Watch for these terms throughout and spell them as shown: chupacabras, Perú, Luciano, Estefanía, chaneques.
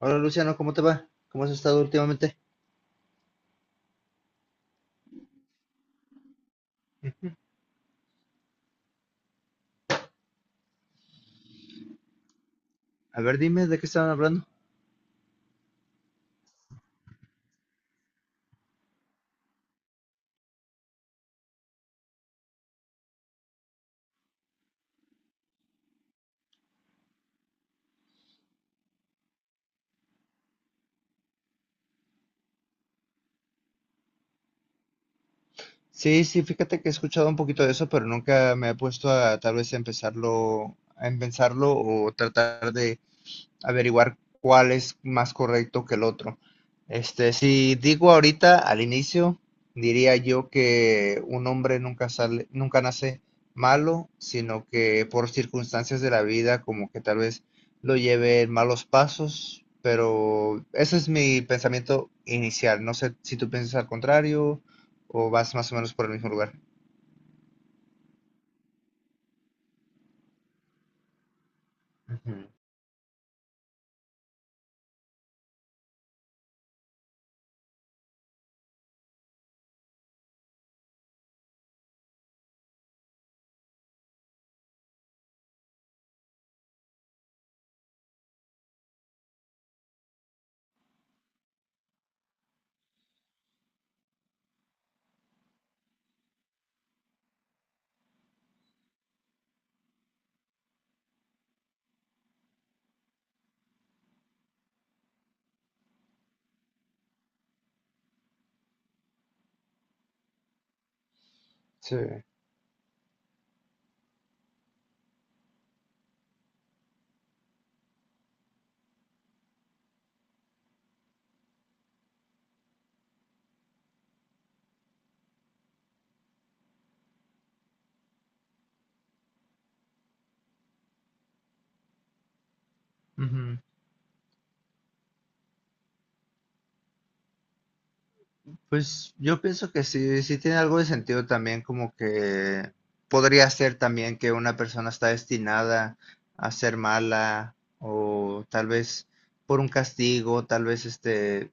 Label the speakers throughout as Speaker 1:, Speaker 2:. Speaker 1: Hola Luciano, ¿cómo te va? ¿Cómo has estado últimamente? A ver, dime de qué estaban hablando. Sí, sí, fíjate que he escuchado un poquito de eso, pero nunca me he puesto a tal vez a empezarlo o tratar de averiguar cuál es más correcto que el otro. Si digo ahorita al inicio, diría yo que un hombre nunca nace malo, sino que por circunstancias de la vida, como que tal vez lo lleve en malos pasos, pero ese es mi pensamiento inicial. No sé si tú piensas al contrario o vas más o menos por el mismo lugar. Ujú. Sí. Pues yo pienso que sí, sí tiene algo de sentido también, como que podría ser también que una persona está destinada a ser mala o tal vez por un castigo, tal vez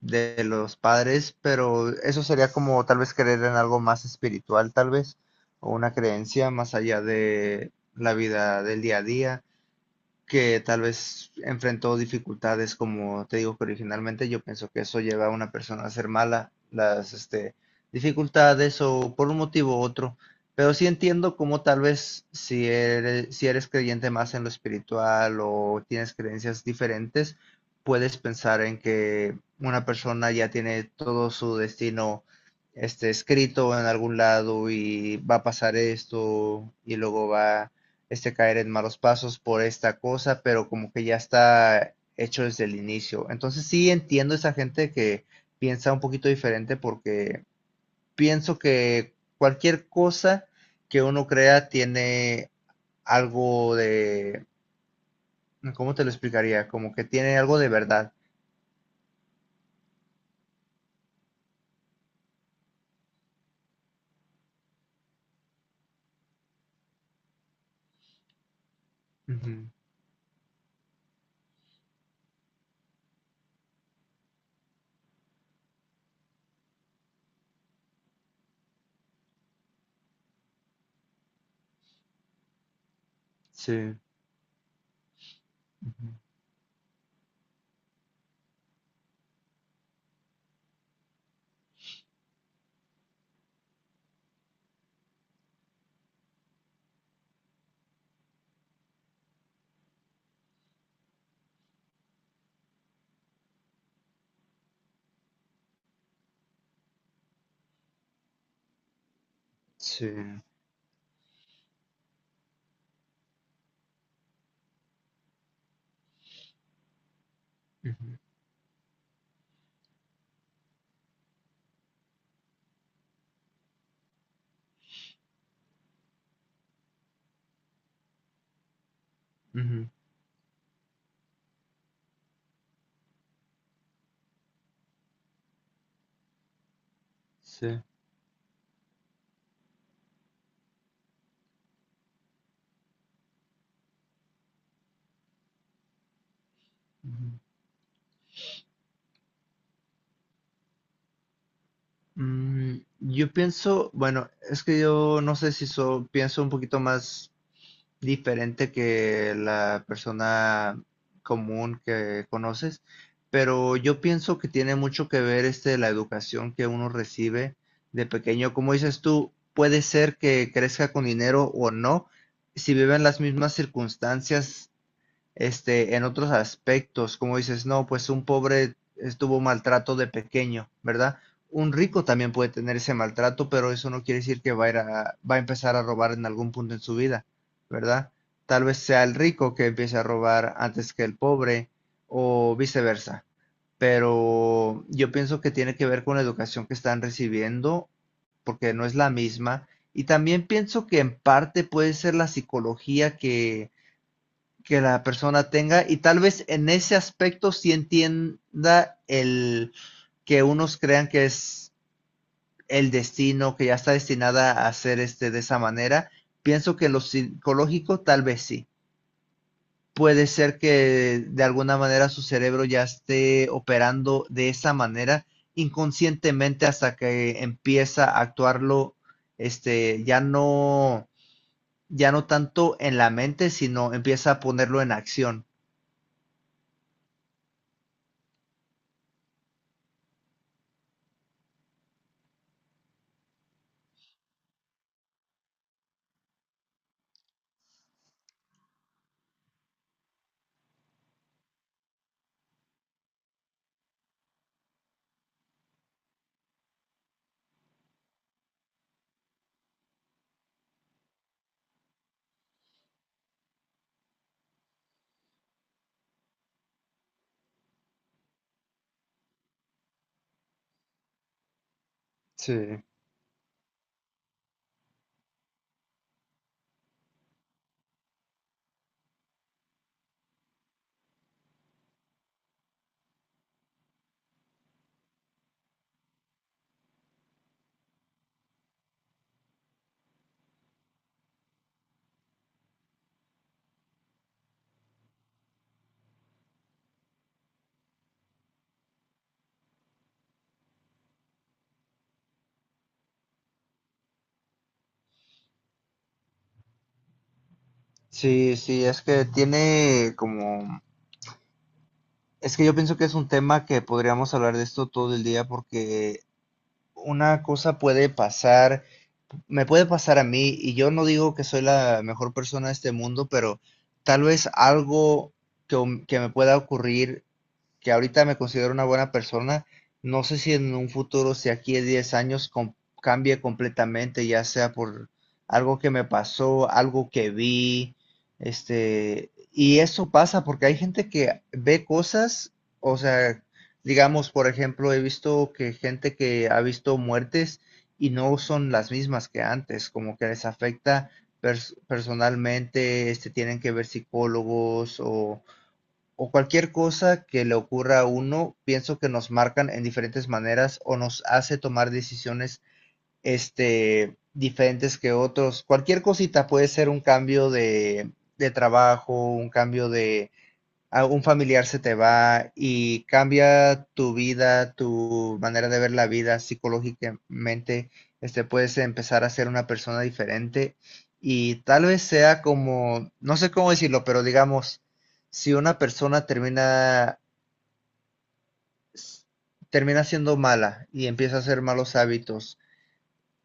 Speaker 1: de los padres, pero eso sería como tal vez creer en algo más espiritual, tal vez, o una creencia más allá de la vida del día a día que tal vez enfrentó dificultades, como te digo que originalmente yo pienso que eso lleva a una persona a ser mala, las dificultades o por un motivo u otro, pero sí entiendo cómo tal vez si eres creyente más en lo espiritual o tienes creencias diferentes, puedes pensar en que una persona ya tiene todo su destino escrito en algún lado y va a pasar esto y luego va caer en malos pasos por esta cosa, pero como que ya está hecho desde el inicio. Entonces sí entiendo esa gente que piensa un poquito diferente porque pienso que cualquier cosa que uno crea tiene algo de, ¿cómo te lo explicaría? Como que tiene algo de verdad. Ujú. Sí, ujú, sí, ujú, ujú, sí, ujú. Yo pienso, bueno, es que yo no sé si pienso un poquito más diferente que la persona común que conoces, pero yo pienso que tiene mucho que ver la educación que uno recibe de pequeño. Como dices tú, puede ser que crezca con dinero o no, si viven las mismas circunstancias en otros aspectos, como dices, no, pues un pobre estuvo maltrato de pequeño, ¿verdad? Un rico también puede tener ese maltrato, pero eso no quiere decir que va a empezar a robar en algún punto en su vida, ¿verdad? Tal vez sea el rico que empiece a robar antes que el pobre o viceversa, pero yo pienso que tiene que ver con la educación que están recibiendo, porque no es la misma, y también pienso que en parte puede ser la psicología que la persona tenga y tal vez en ese aspecto sí entienda el que unos crean que es el destino, que ya está destinada a ser de esa manera. Pienso que lo psicológico tal vez sí. Puede ser que de alguna manera su cerebro ya esté operando de esa manera inconscientemente hasta que empieza a actuarlo este ya no ya no tanto en la mente, sino empieza a ponerlo en acción. Sí. Sí, sí, es que tiene como, es que yo pienso que es un tema que podríamos hablar de esto todo el día porque una cosa puede pasar, me puede pasar a mí y yo no digo que soy la mejor persona de este mundo, pero tal vez algo que me pueda ocurrir, que ahorita me considero una buena persona, no sé si en un futuro, si aquí a 10 años cambie completamente, ya sea por algo que me pasó, algo que vi, y eso pasa porque hay gente que ve cosas, o sea, digamos, por ejemplo, he visto que gente que ha visto muertes y no son las mismas que antes, como que les afecta personalmente, tienen que ver psicólogos o cualquier cosa que le ocurra a uno, pienso que nos marcan en diferentes maneras o nos hace tomar decisiones diferentes que otros. Cualquier cosita puede ser un cambio de trabajo, a un familiar se te va y cambia tu vida, tu manera de ver la vida psicológicamente, puedes empezar a ser una persona diferente y tal vez sea como, no sé cómo decirlo, pero digamos, si una persona termina siendo mala y empieza a hacer malos hábitos,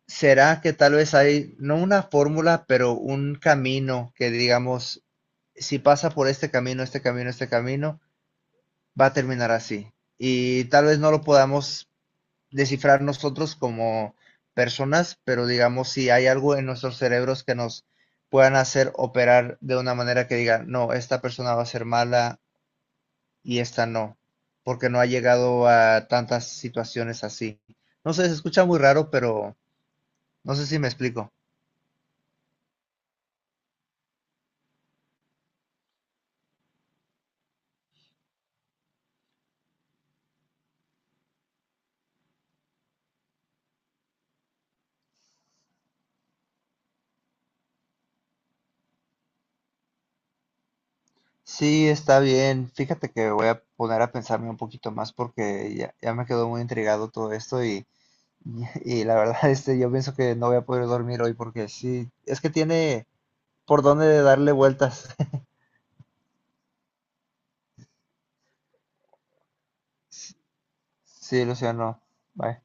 Speaker 1: ¿será que tal vez hay, no una fórmula, pero un camino que digamos, si pasa por este camino, este camino, este camino, va a terminar así. Y tal vez no lo podamos descifrar nosotros como personas, pero digamos si hay algo en nuestros cerebros que nos puedan hacer operar de una manera que diga, no, esta persona va a ser mala y esta no, porque no ha llegado a tantas situaciones así. No sé, se escucha muy raro, pero no sé si me explico. Sí, está bien. Fíjate que voy a poner a pensarme un poquito más porque ya, ya me quedó muy intrigado todo esto y Y la verdad, yo pienso que no voy a poder dormir hoy porque sí, es que tiene por dónde darle vueltas. Sí, Luciano. Bye.